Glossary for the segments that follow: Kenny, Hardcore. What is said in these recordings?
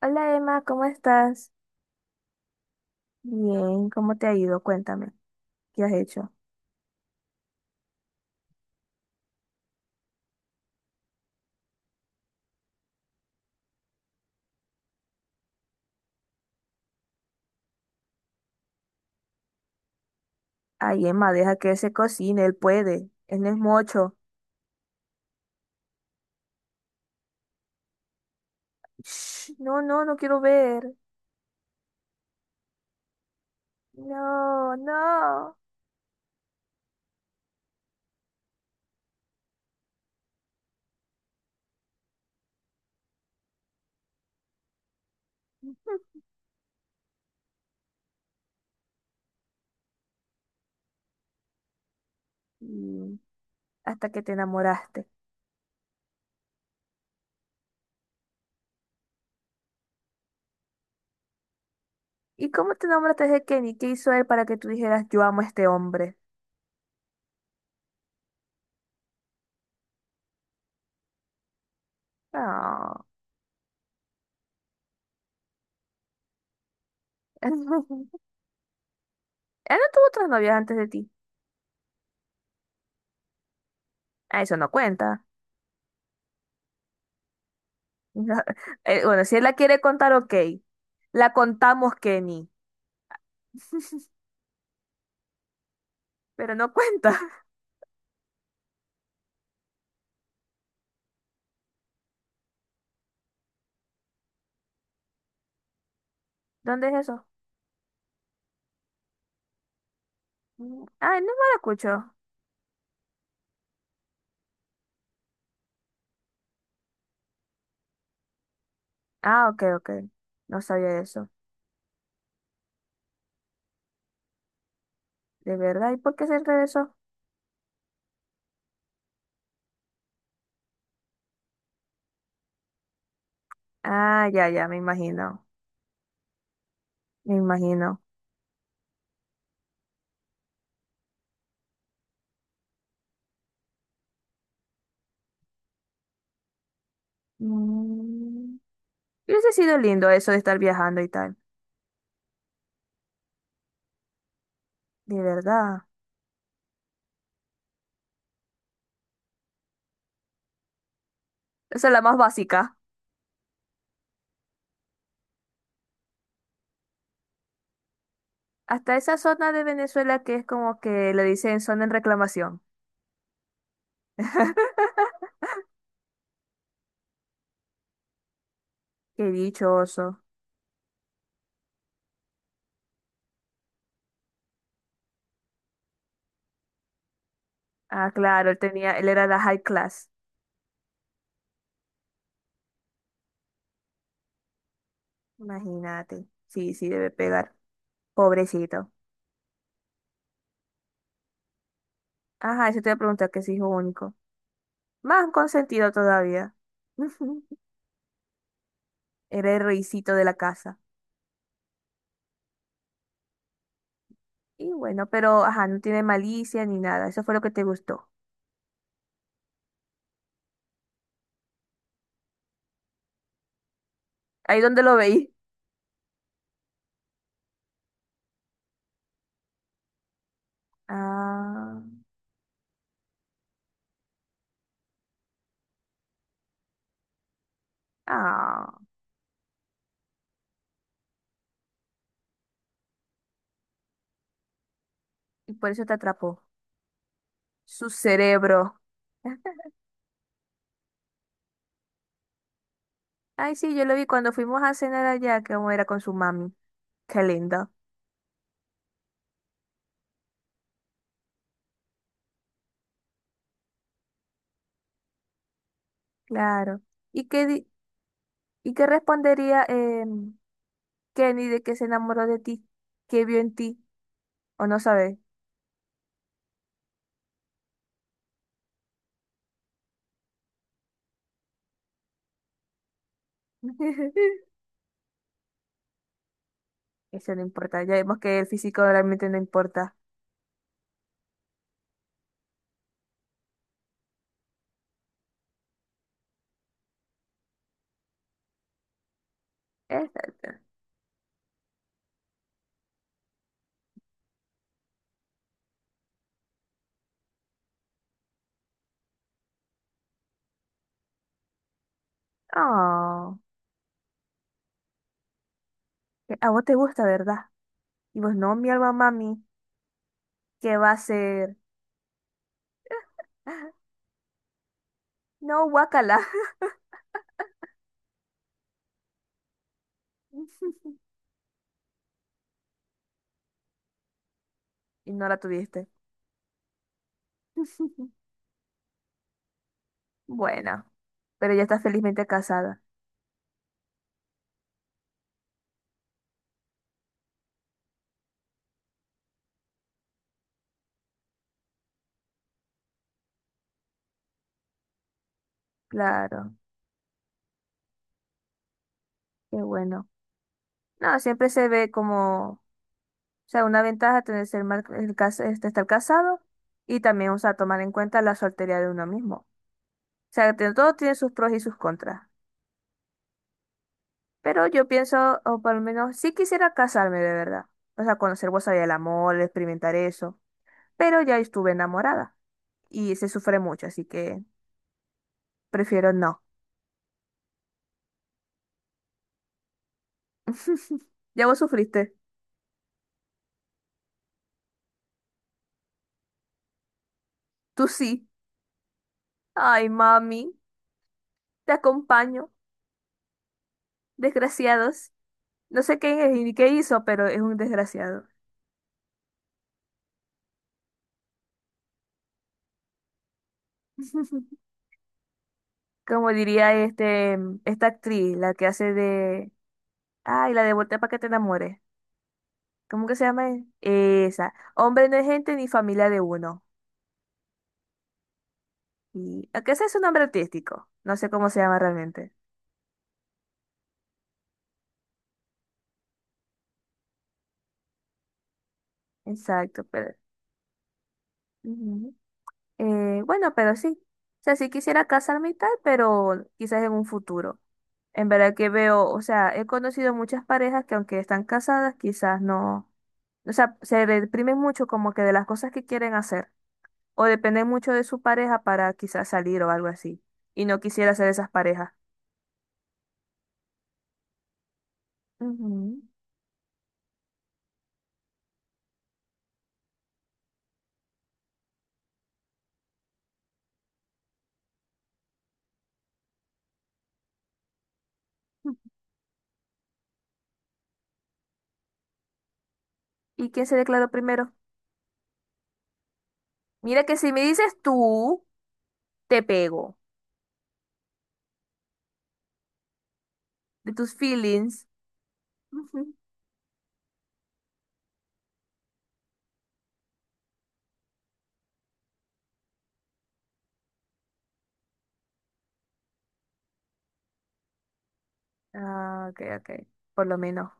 Hola Emma, ¿cómo estás? Bien, ¿cómo te ha ido? Cuéntame, ¿qué has hecho? Ay, Emma, deja que él se cocine, él puede, él no es mocho. Shh, no, no, no quiero ver. No, no. Y hasta que te enamoraste. ¿Y cómo te enamoraste de Kenny? ¿Qué hizo él para que tú dijeras, yo amo a este hombre? No. Él no tuvo otras novias antes de ti. Ah, eso no cuenta. No. Bueno, si él la quiere contar, ok. La contamos, Kenny, pero no cuenta. ¿Dónde es eso? Mm, ah, no maracucho. Ah, ok, ok. No sabía eso. ¿De verdad? ¿Y por qué se regresó? Ah, ya, ya, me imagino. Me imagino. Mm, y hubiese sido lindo eso de estar viajando y tal. De verdad. Esa es la más básica. Hasta esa zona de Venezuela que es como que le dicen zona en reclamación. Qué dichoso. Ah, claro, él tenía, él era la high class. Imagínate. Sí, sí, debe pegar. Pobrecito. Ajá, eso te iba a preguntar que es hijo único. Más consentido todavía. Era el reycito de la casa. Y bueno, pero ajá, no tiene malicia ni nada. Eso fue lo que te gustó. Ahí donde lo veí. Ah, ah. Y por eso te atrapó. Su cerebro. Ay, sí, yo lo vi cuando fuimos a cenar allá, que era con su mami. Qué lindo. Claro. ¿Y qué, y qué respondería Kenny de que se enamoró de ti? ¿Qué vio en ti? ¿O no sabes? Eso no importa. Ya vemos que el físico realmente no importa. Es- oh, que a vos te gusta, ¿verdad? Y vos no, mi alma mami, ¿qué va a ser? No, guácala. Y no la tuviste. Bueno, pero ya está felizmente casada. Claro, qué bueno. No, siempre se ve como, o sea, una ventaja tener ser mar- el cas- este, estar casado y también, o sea, tomar en cuenta la soltería de uno mismo. O sea, todo tiene sus pros y sus contras. Pero yo pienso, o por lo menos sí quisiera casarme de verdad. O sea, conocer vos sabía el amor, experimentar eso. Pero ya estuve enamorada y se sufre mucho, así que prefiero no. Ya vos sufriste. Tú sí. Ay, mami, te acompaño. Desgraciados. No sé qué es ni qué hizo, pero es un desgraciado. Como diría este, esta actriz, la que hace de... Ay, la de Voltea para que te enamores. ¿Cómo que se llama? Esa. Hombre no es gente ni familia de uno. Y, aunque ese es su nombre artístico, no sé cómo se llama realmente. Exacto, pero... Ujú. Bueno, pero sí. O sea, sí quisiera casarme y tal, pero quizás en un futuro. En verdad que veo, o sea, he conocido muchas parejas que aunque están casadas, quizás no, o sea, se deprimen mucho como que de las cosas que quieren hacer, o dependen mucho de su pareja para quizás salir o algo así. Y no quisiera ser esas parejas. Ujú. ¿Y quién se declaró primero? Mira que si me dices tú, te pego. De tus feelings. Ujú. Ah, ok, ok, por lo menos.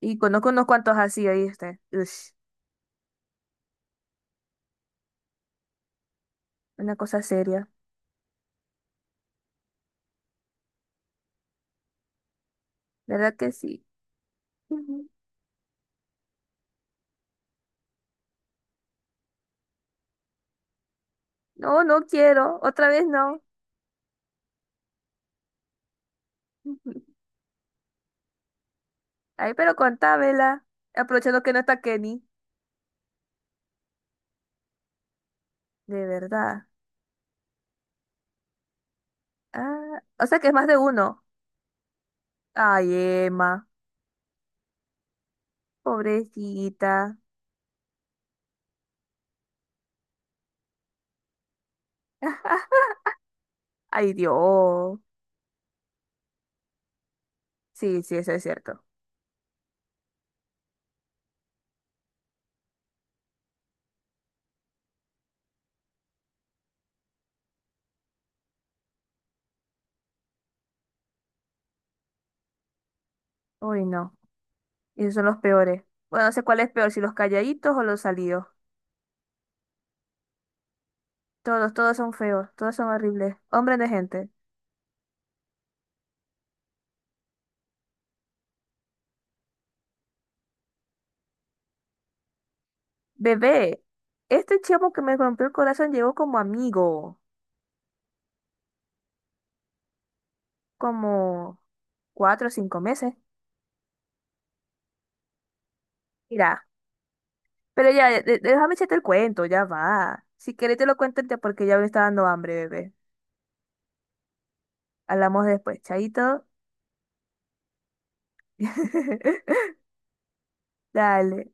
Y conozco unos cuantos así, ¿oíste? Ush, una cosa seria, ¿verdad que sí? Ujú. No, no quiero, otra vez no. Ujú. Ay, pero contámela, aprovechando que no está Kenny, de verdad. Ah, o sea que es más de uno. Ay, Emma, pobrecita. Ay, Dios. Sí, sí, eso es cierto. Uy, no, esos son los peores. Bueno, no sé cuál es peor, si los calladitos o los salidos. Todos, todos son feos, todos son horribles. Hombres de gente. Bebé, este chavo que me rompió el corazón llegó como amigo, como 4 o 5 meses. Mira, pero ya, déjame echarte el cuento, ya va. Si querés te lo cuento ya porque ya me está dando hambre, bebé. Hablamos después, chaito. Dale.